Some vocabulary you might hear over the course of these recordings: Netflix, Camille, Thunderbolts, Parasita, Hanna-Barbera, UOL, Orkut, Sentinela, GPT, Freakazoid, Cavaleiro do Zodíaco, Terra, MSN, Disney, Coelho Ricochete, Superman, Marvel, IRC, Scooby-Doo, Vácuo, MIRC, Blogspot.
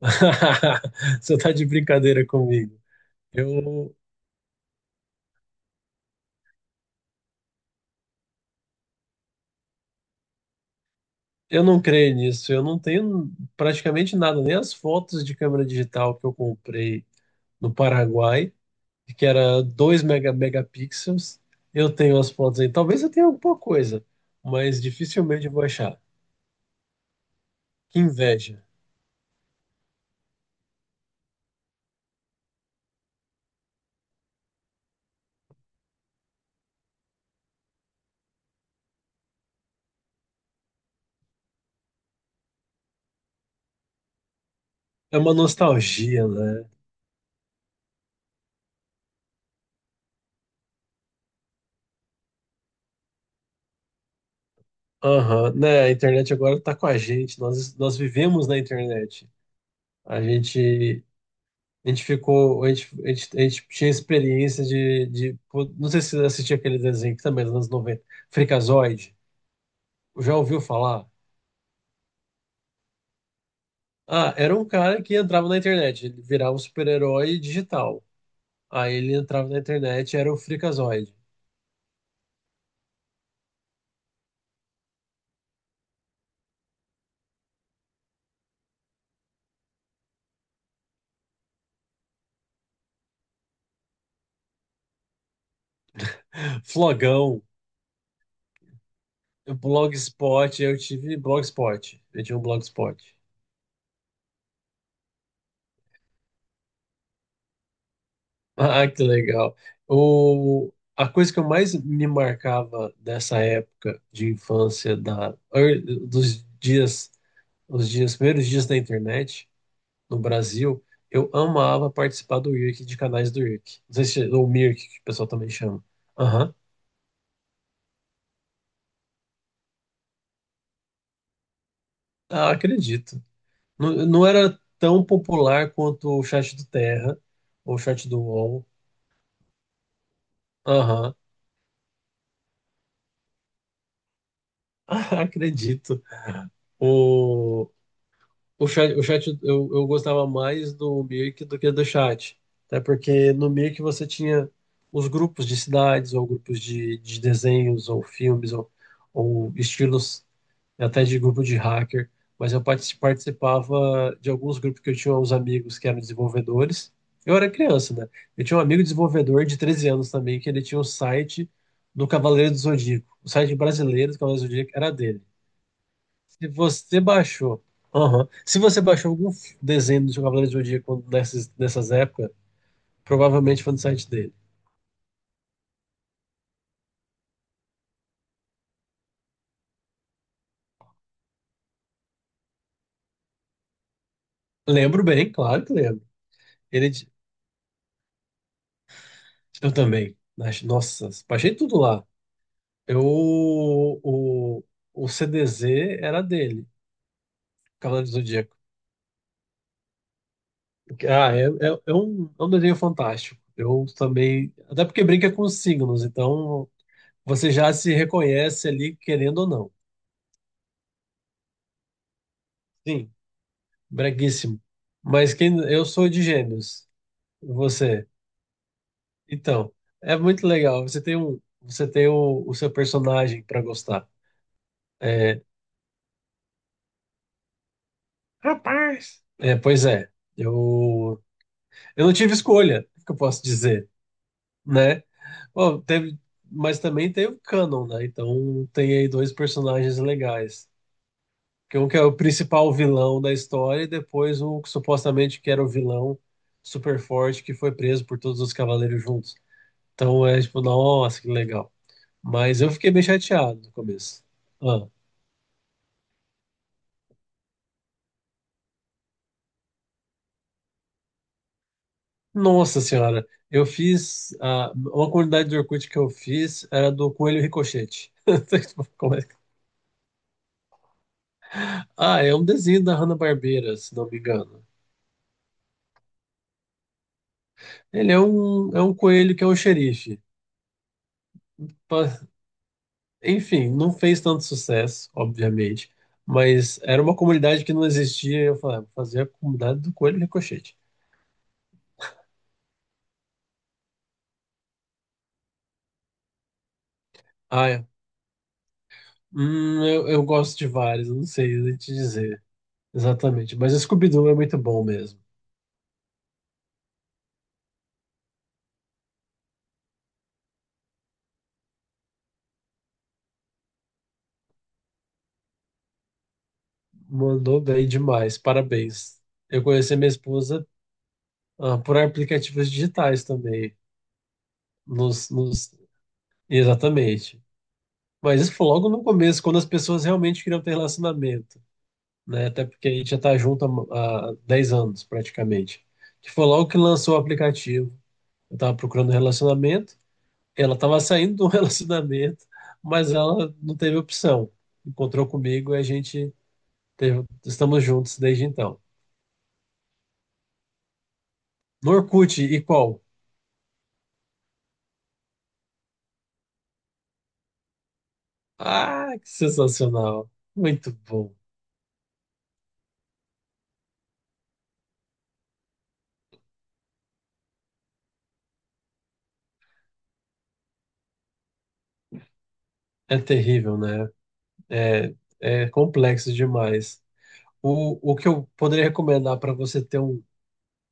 Você tá de brincadeira comigo. Eu, eu não creio nisso. Eu não tenho praticamente nada, nem as fotos de câmera digital que eu comprei no Paraguai, que era 2 mega, megapixels. Eu tenho as fotos aí. Talvez eu tenha alguma coisa, mas dificilmente eu vou achar. Que inveja. É uma nostalgia, né? Aham, né? A internet agora tá com a gente. Nós vivemos na internet. A gente A gente ficou, a gente tinha experiência de, pô, não sei se você assistiu aquele desenho que também é dos anos noventa. Freakazoid. Já ouviu falar? Ah, era um cara que entrava na internet, ele virava um super-herói digital. Aí ele entrava na internet, era o Freakazoid. Flogão, Blogspot, eu tive Blogspot. Eu tinha um Blogspot. Ah, que legal. O, a coisa que eu mais me marcava dessa época de infância, dos dias os dias, primeiros dias da internet no Brasil, eu amava participar do IRC, de canais do IRC. Não sei se, ou MIRC, que o pessoal também chama. Aham. Ah, acredito. Não, não era tão popular quanto o chat do Terra, ou o chat do UOL. Aham. Ah, acredito. O, o chat eu gostava mais do Mirk do que do chat. Até porque no Mirk você tinha os grupos de cidades, ou grupos de desenhos, ou filmes, ou estilos, até de grupo de hacker. Mas participava de alguns grupos que eu tinha uns amigos que eram desenvolvedores. Eu era criança, né? Eu tinha um amigo desenvolvedor de 13 anos também, que ele tinha um site do Cavaleiro do Zodíaco. O site brasileiro do Cavaleiro do Zodíaco era dele. Se você baixou. Aham. Se você baixou desenho do seu Cavaleiro do Zodíaco nessas, nessas épocas, provavelmente foi no site dele. Lembro bem, claro que lembro. Ele, di- eu também. Nas Nossa, baixei tudo lá. Eu, o, o CDZ era dele, Cavaleiro do Zodíaco. Ah, é um desenho fantástico. Eu também. Até porque brinca com os signos, então você já se reconhece ali, querendo ou não. Sim, breguíssimo. Mas quem, eu sou de Gêmeos. Você. Então, é muito legal. Você tem o seu personagem para gostar. É, Rapaz! Pois é. Eu, eu não tive escolha, o que eu posso dizer, né? Bom, teve, mas também tem o canon, né? Então tem aí dois personagens legais. Que um que é o principal vilão da história e depois o que supostamente que era o vilão super forte que foi preso por todos os cavaleiros juntos. Então é tipo, nossa, que legal. Mas eu fiquei bem chateado no começo. Ah, nossa senhora, eu fiz. Ah, uma comunidade de Orkut que eu fiz era do Coelho Ricochete. Como é que- Ah, é um desenho da Hanna-Barbera, se não me engano. É um coelho que é um xerife. Pa- Enfim, não fez tanto sucesso, obviamente. Mas era uma comunidade que não existia. Eu falei, "Ah, vou fazer a comunidade do Coelho Ricochete." Ah, é. Eu gosto de vários, eu não sei te dizer. Exatamente. Mas Scooby-Doo é muito bom mesmo. Mandou bem demais. Parabéns. Eu conheci minha esposa, ah, por aplicativos digitais também. Nos, nos... Exatamente. Mas isso foi logo no começo, quando as pessoas realmente queriam ter relacionamento, né? Até porque a gente já está junto há 10 anos, praticamente. Que foi logo que lançou o aplicativo. Eu estava procurando relacionamento, ela estava saindo do relacionamento, mas ela não teve opção. Encontrou comigo e a gente estamos juntos desde então. No Orkut e qual? Ah, que sensacional. Muito bom. É terrível, né? É é complexo demais. O que eu poderia recomendar para você ter um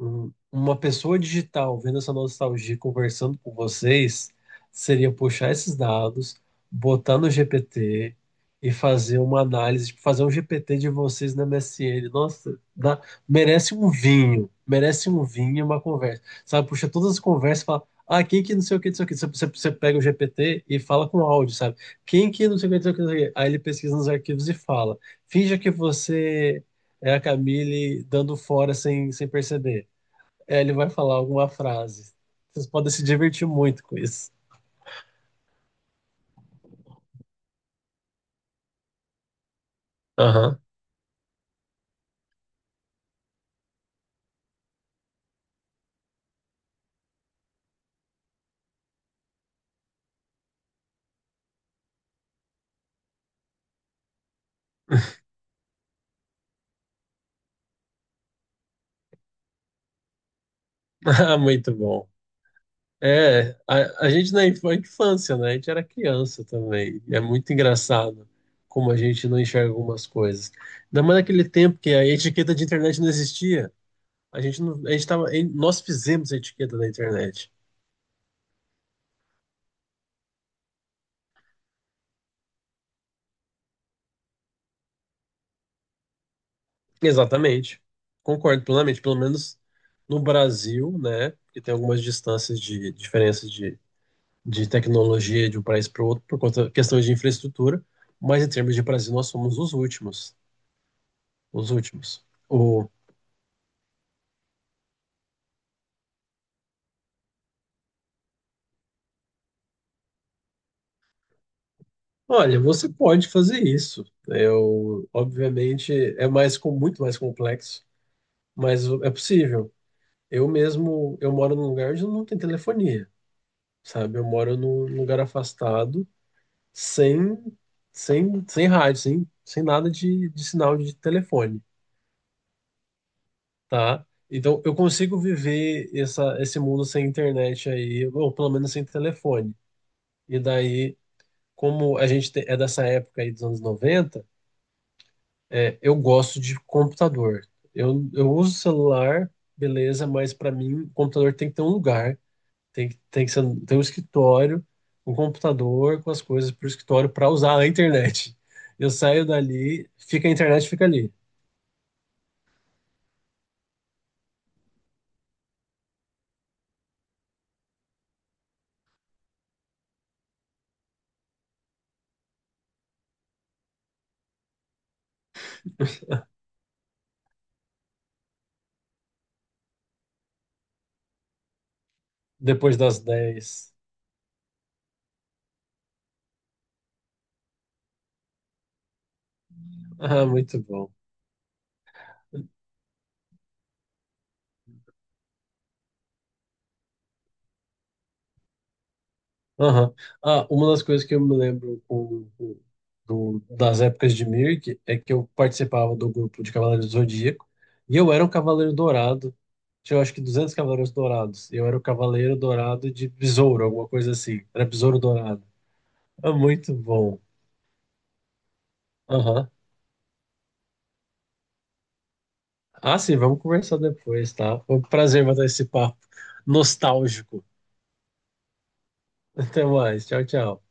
um- uma pessoa digital vendo essa nostalgia, e conversando com vocês, seria puxar esses dados, botar no GPT e fazer uma análise, tipo, fazer um GPT de vocês na MSN. Merece um vinho e uma conversa. Sabe, puxa todas as conversas e fala. Ah, quem que não sei o que, não sei o que. Você pega o GPT e fala com áudio, sabe? Quem que não sei o que, não sei o que, não sei o que. Aí ele pesquisa nos arquivos e fala. Finja que você é a Camille dando fora sem perceber. É, ele vai falar alguma frase. Vocês podem se divertir muito com isso. Aham. Ah, muito bom. É, a gente na infância, né? A gente era criança também. E é muito engraçado como a gente não enxerga algumas coisas. Ainda mais naquele tempo que a etiqueta de internet não existia. A gente não, a gente tava, nós fizemos a etiqueta da internet. Exatamente. Concordo plenamente. Pelo menos no Brasil, né? Porque tem algumas distâncias de diferenças de tecnologia de um país para o outro por conta questões de infraestrutura, mas em termos de Brasil nós somos os últimos, os últimos. O, olha, você pode fazer isso. Eu, obviamente, é mais com muito mais complexo, mas é possível. Eu mesmo, eu moro num lugar onde não tem telefonia, sabe? Eu moro num lugar afastado, sem sem rádio, sem nada de sinal de telefone. Tá? Então eu consigo viver essa, esse mundo sem internet aí, ou pelo menos sem telefone. E daí, como é dessa época aí dos anos noventa, é, eu gosto de computador. Eu uso celular, beleza, mas para mim, computador tem que ter um lugar, tem que ser, tem um escritório, um computador com as coisas para o escritório para usar a internet. Eu saio dali, fica a internet, fica ali, depois das dez. Ah, muito bom. Aham. Ah, uma das coisas que eu me lembro das épocas de Mirk é que eu participava do grupo de Cavaleiros do Zodíaco e eu era um Cavaleiro Dourado. Tinha, eu acho que 200 Cavaleiros Dourados. E eu era o Cavaleiro Dourado de Besouro, alguma coisa assim. Era Besouro Dourado. É muito bom. Aham. Ah, sim, vamos conversar depois, tá? Foi um prazer bater esse papo nostálgico. Até mais. Tchau, tchau.